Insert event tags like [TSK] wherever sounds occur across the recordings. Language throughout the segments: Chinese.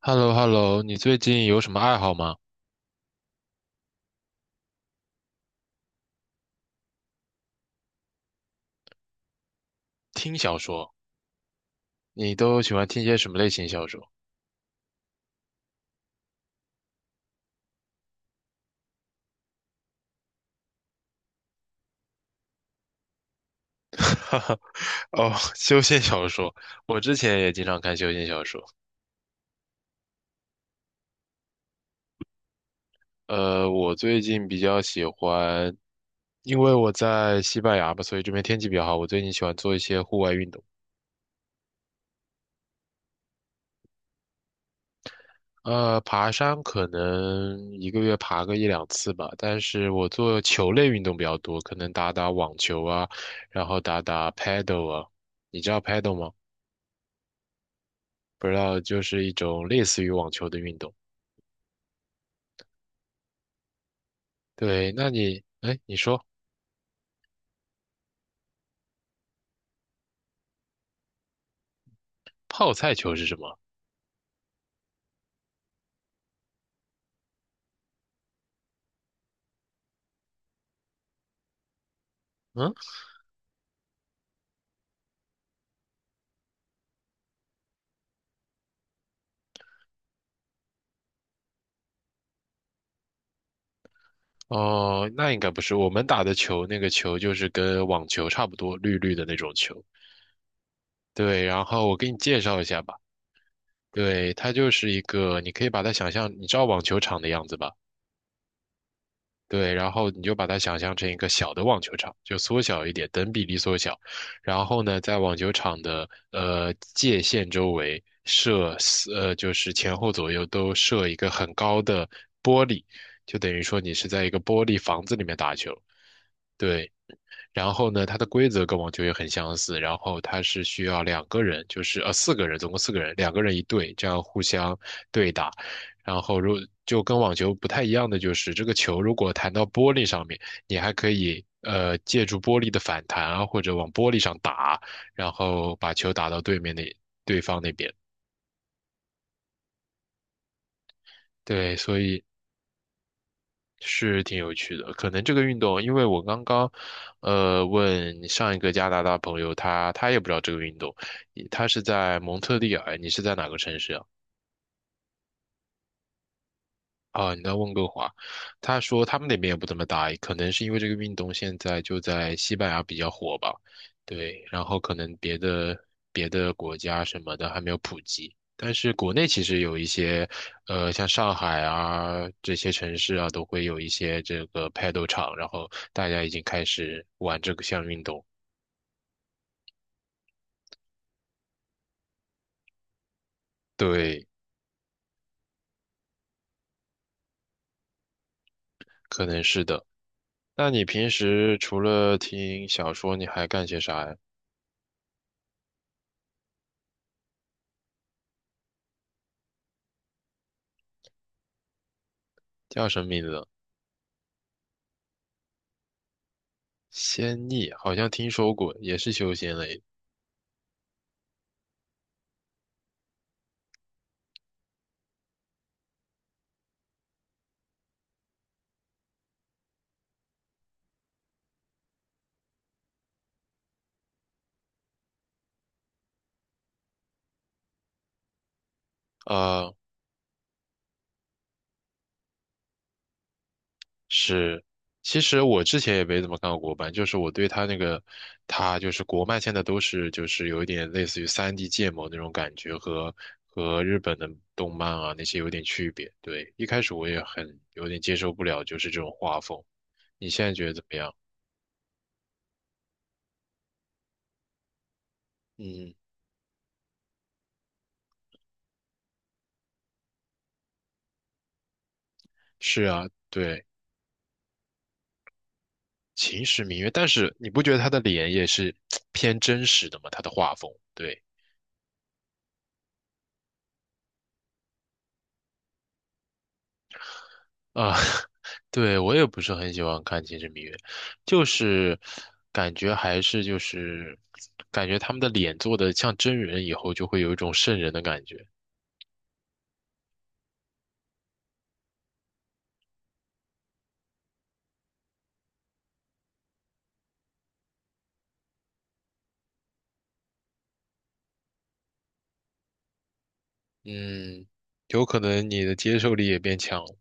h e l l o h e l l o 你最近有什么爱好吗？听小说，你都喜欢听些什么类型小说？[LAUGHS] 哦，修仙小说，我之前也经常看修仙小说。我最近比较喜欢，因为我在西班牙吧，所以这边天气比较好。我最近喜欢做一些户外运动。爬山可能一个月爬个一两次吧，但是我做球类运动比较多，可能打打网球啊，然后打打 paddle 啊，你知道 paddle 吗？不知道就是一种类似于网球的运动。对，那你，哎，你说泡菜球是什么？嗯，哦，那应该不是我们打的球，那个球就是跟网球差不多，绿绿的那种球。对，然后我给你介绍一下吧。对，它就是一个，你可以把它想象，你知道网球场的样子吧？对，然后你就把它想象成一个小的网球场，就缩小一点，等比例缩小。然后呢，在网球场的界限周围设四就是前后左右都设一个很高的玻璃，就等于说你是在一个玻璃房子里面打球。对，然后呢，它的规则跟网球也很相似，然后它是需要两个人，就是四个人，总共四个人，两个人一对，这样互相对打。然后就跟网球不太一样的就是，这个球如果弹到玻璃上面，你还可以借助玻璃的反弹啊，或者往玻璃上打，然后把球打到对面对方那边。对，所以是挺有趣的。可能这个运动，因为我刚刚，问上一个加拿大朋友，他也不知道这个运动，他是在蒙特利尔，你是在哪个城市啊？啊，你在温哥华，他说他们那边也不怎么打，可能是因为这个运动现在就在西班牙比较火吧，对，然后可能别的国家什么的还没有普及，但是国内其实有一些，像上海啊这些城市啊，都会有一些这个 paddle 场，然后大家已经开始玩这个项运动，对，可能是的。那你平时除了听小说，你还干些啥呀？叫什么名字？仙逆好像听说过，也是修仙类啊、呃是，其实我之前也没怎么看过国漫，就是我对他那个，他就是国漫现在都是就是有一点类似于三 d 建模那种感觉和，和日本的动漫啊那些有点区别。对，一开始我也很有点接受不了，就是这种画风。你现在觉得怎么样？嗯，是啊，对，秦时明月，但是你不觉得他的脸也是 [TSK] 偏真实的吗？他的画风，对。啊，[LAUGHS] 对，我也不是很喜欢看《秦时明月》，就是感觉还是感觉他们的脸做的像真人以后，就会有一种瘆人的感觉。嗯，有可能你的接受力也变强了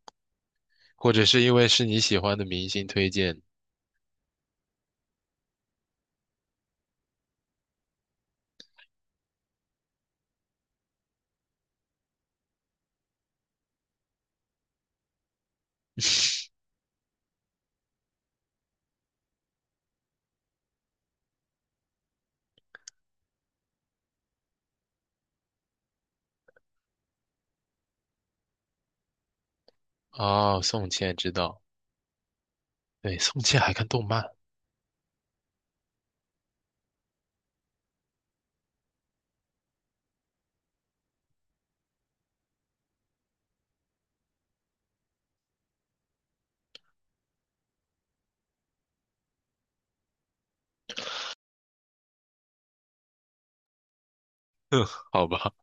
或者是因为是你喜欢的明星推荐。哦，宋茜知道，对，宋茜还看动漫，[LAUGHS] 好吧，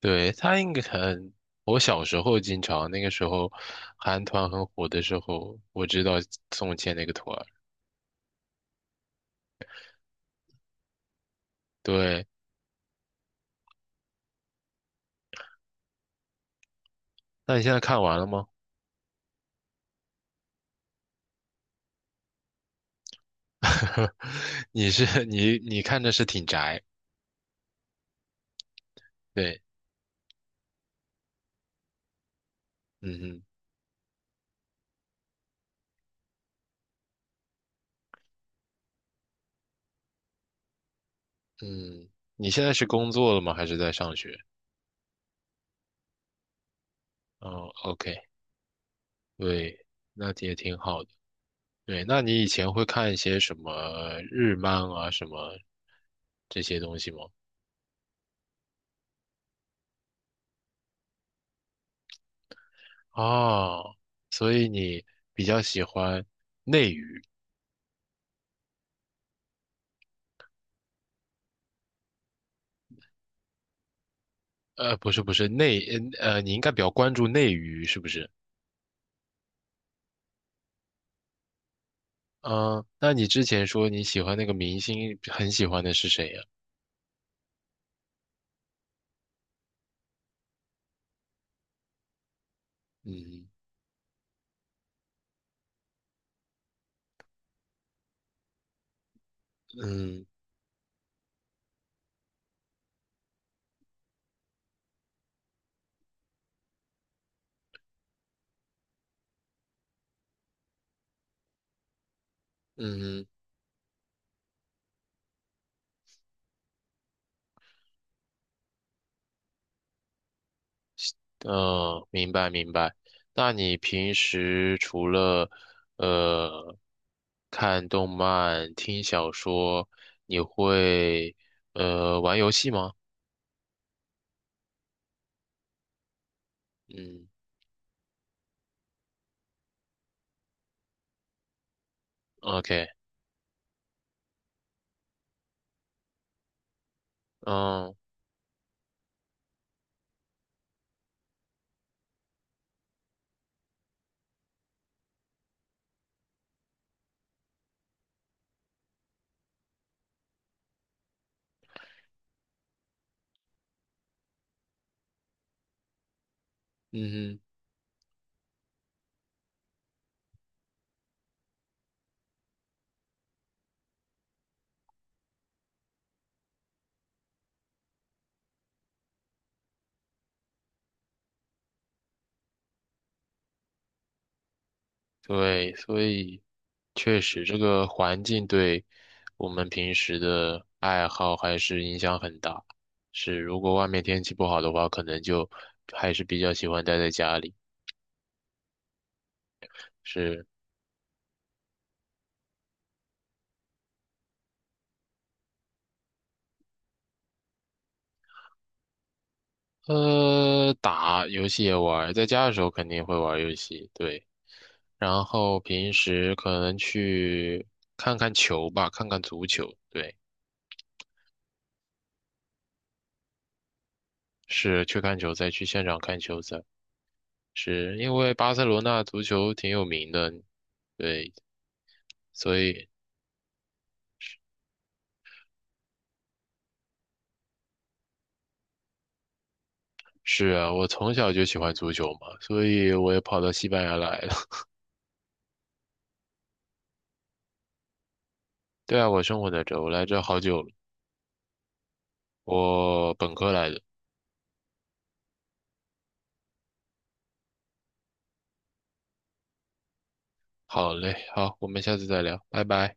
对，她应该很。我小时候经常，那个时候韩团很火的时候，我知道宋茜那个团儿，对。那你现在看完了吗？[LAUGHS] 你看着是挺宅，对，嗯嗯嗯，你现在是工作了吗？还是在上学？哦，OK，对，那也挺好的。对，那你以前会看一些什么日漫啊，什么这些东西吗？哦，所以你比较喜欢，不是内，你应该比较关注内娱，是不是？嗯、那你之前说你喜欢那个明星，很喜欢的是谁呀、嗯。嗯嗯明白明白。那你平时除了呃看动漫、听小说，你会玩游戏吗？嗯，OK，嗯嗯，对，所以确实这个环境对我们平时的爱好还是影响很大。是，如果外面天气不好的话，可能就还是比较喜欢待在家里。是。打游戏也玩儿在家的时候肯定会玩儿游戏，对。然后平时可能去看看球吧，看看足球，对，是去看球赛，去现场看球赛，是因为巴塞罗那足球挺有名的，对，所以是啊，我从小就喜欢足球嘛，所以我也跑到西班牙来了。[LAUGHS] 对啊，我生活在这儿我来这儿好久了，我本科来的。好嘞，好，我们下次再聊，拜拜。